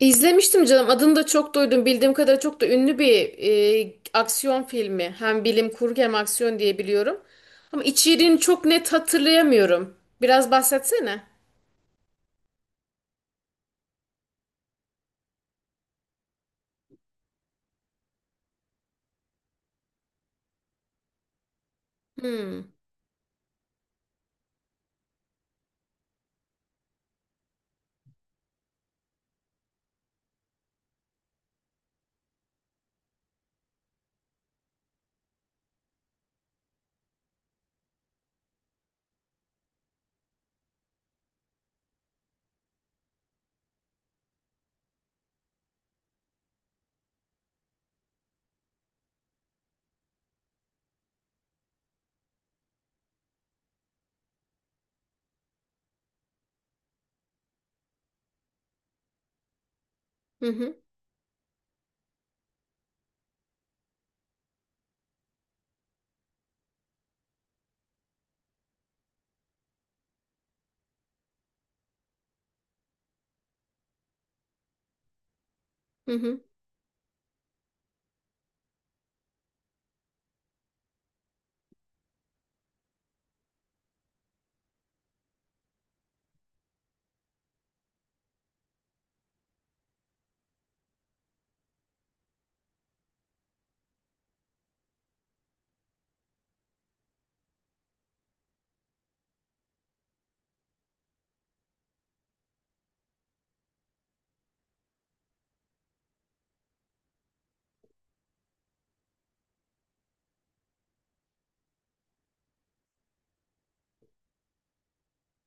İzlemiştim canım. Adını da çok duydum. Bildiğim kadarıyla çok da ünlü bir aksiyon filmi. Hem bilim kurgu hem aksiyon diye biliyorum. Ama içeriğini çok net hatırlayamıyorum. Biraz bahsetsene. Hmm. Hı hı. Hı hı.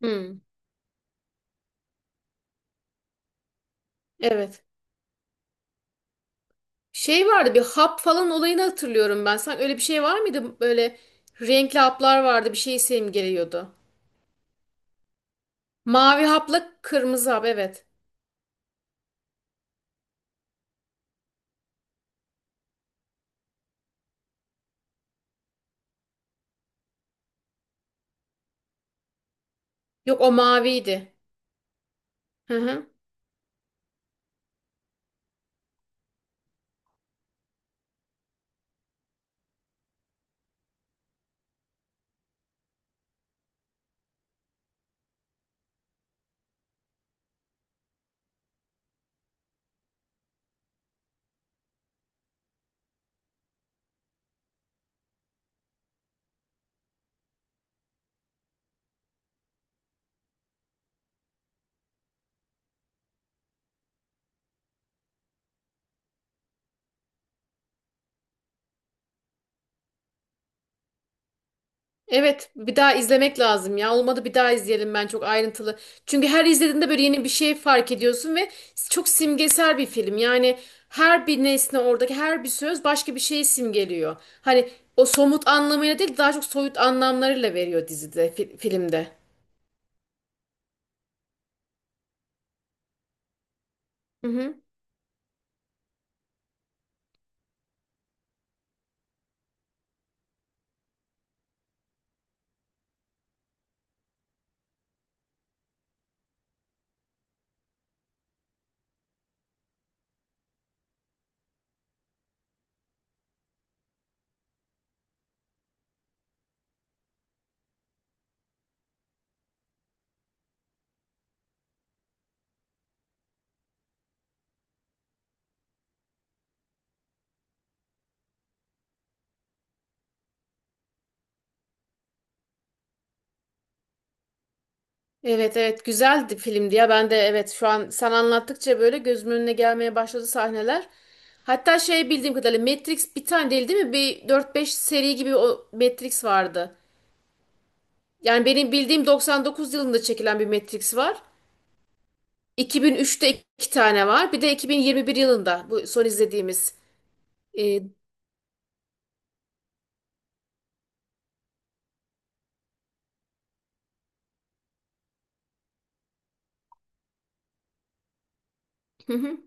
Hmm. Evet. Şey vardı bir hap falan olayını hatırlıyorum ben. Sanki öyle bir şey var mıydı? Böyle renkli haplar vardı. Bir şey simgeliyordu. Mavi hapla kırmızı hap, evet. Yok, o maviydi. Hı hı. Evet, bir daha izlemek lazım ya. Olmadı bir daha izleyelim, ben çok ayrıntılı. Çünkü her izlediğinde böyle yeni bir şey fark ediyorsun ve çok simgesel bir film. Yani her bir nesne, oradaki her bir söz başka bir şeyi simgeliyor. Hani o somut anlamıyla değil, daha çok soyut anlamlarıyla veriyor dizide, filmde. Hı hı. Evet evet, güzeldi filmdi ya. Ben de evet, şu an sen anlattıkça böyle gözümün önüne gelmeye başladı sahneler. Hatta şey, bildiğim kadarıyla Matrix bir tane değil, değil mi? Bir dört beş seri gibi o Matrix vardı. Yani benim bildiğim 99 yılında çekilen bir Matrix var. 2003'te iki tane var. Bir de 2021 yılında bu son izlediğimiz. Ee, hı hı,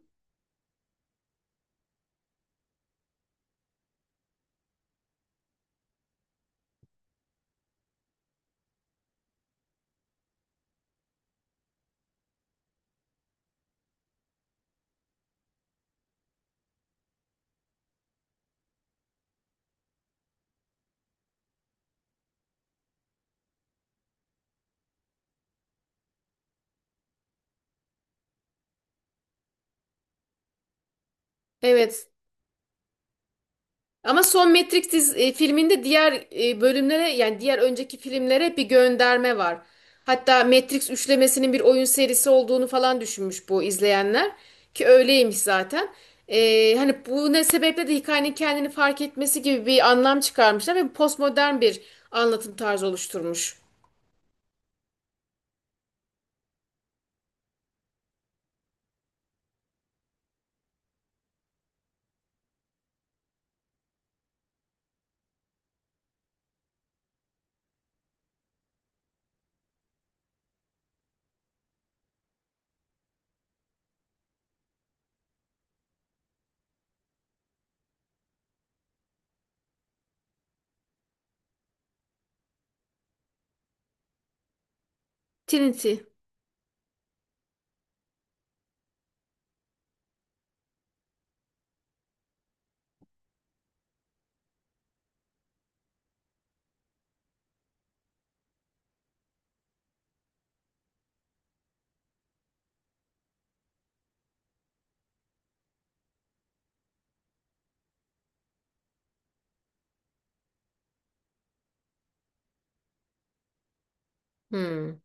evet. Ama son Matrix filminde diğer bölümlere, yani diğer önceki filmlere bir gönderme var. Hatta Matrix üçlemesinin bir oyun serisi olduğunu falan düşünmüş bu izleyenler. Ki öyleymiş zaten. Hani bu ne sebeple de hikayenin kendini fark etmesi gibi bir anlam çıkarmışlar ve postmodern bir anlatım tarzı oluşturmuş. Trinity. Hmm.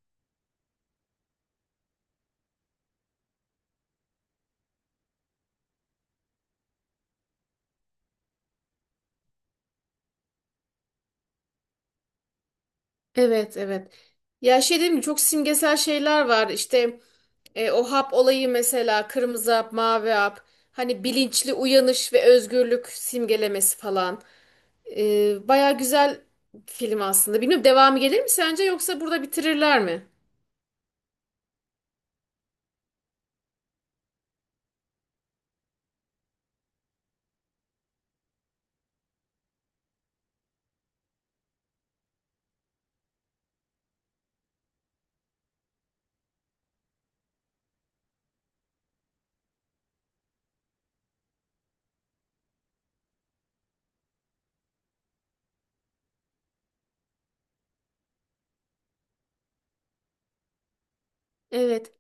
Evet evet. Ya şey dedim, çok simgesel şeyler var. İşte o hap olayı mesela, kırmızı hap, mavi hap. Hani bilinçli uyanış ve özgürlük simgelemesi falan. E, baya güzel film aslında. Bilmiyorum, devamı gelir mi sence yoksa burada bitirirler mi? Evet.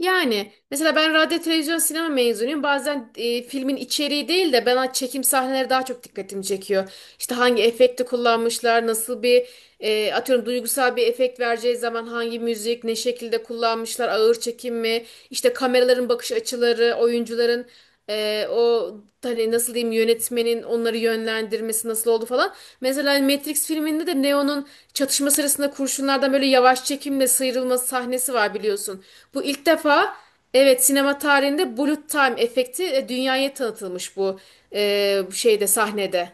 Yani mesela ben radyo, televizyon, sinema mezunuyum. Bazen filmin içeriği değil de bana çekim sahneleri daha çok dikkatimi çekiyor. İşte hangi efekti kullanmışlar, nasıl bir atıyorum duygusal bir efekt vereceği zaman hangi müzik, ne şekilde kullanmışlar, ağır çekim mi, işte kameraların bakış açıları, oyuncuların e, o hani nasıl diyeyim, yönetmenin onları yönlendirmesi nasıl oldu falan. Mesela Matrix filminde de Neo'nun çatışma sırasında kurşunlardan böyle yavaş çekimle sıyrılması sahnesi var, biliyorsun. Bu ilk defa evet, sinema tarihinde bullet time efekti dünyaya tanıtılmış bu şeyde, sahnede.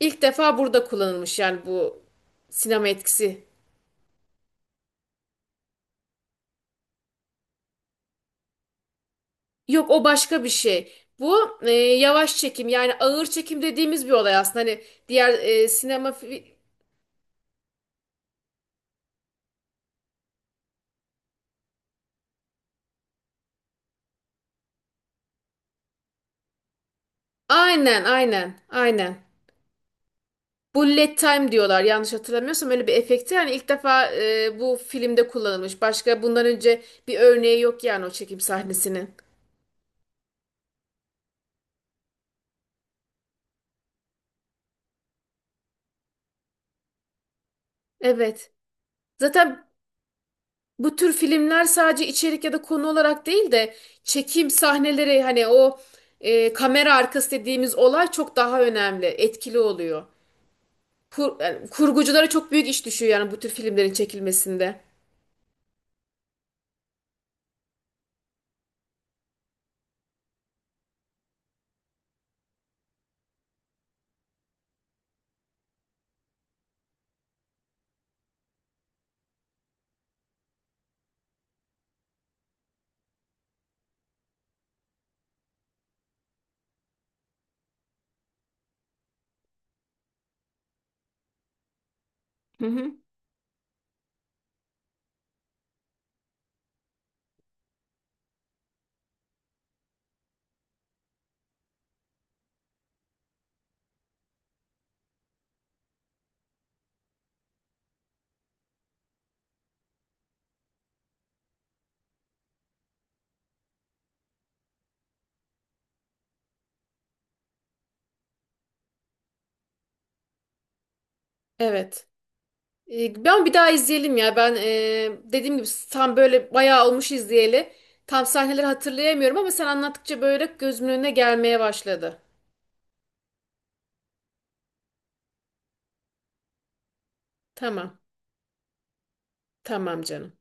İlk defa burada kullanılmış yani bu sinema etkisi. Yok, o başka bir şey. Bu yavaş çekim, yani ağır çekim dediğimiz bir olay aslında. Hani diğer sinema aynen aynen aynen. Bullet time diyorlar yanlış hatırlamıyorsam öyle bir efekti. Yani ilk defa bu filmde kullanılmış. Başka bundan önce bir örneği yok yani o çekim sahnesinin. Evet. Zaten bu tür filmler sadece içerik ya da konu olarak değil de çekim sahneleri, hani o kamera arkası dediğimiz olay çok daha önemli, etkili oluyor. Yani kurguculara çok büyük iş düşüyor yani bu tür filmlerin çekilmesinde. Evet. E, ben bir daha izleyelim ya. Ben dediğim gibi tam böyle bayağı olmuş izleyeli. Tam sahneleri hatırlayamıyorum ama sen anlattıkça böyle gözümün önüne gelmeye başladı. Tamam. Tamam canım.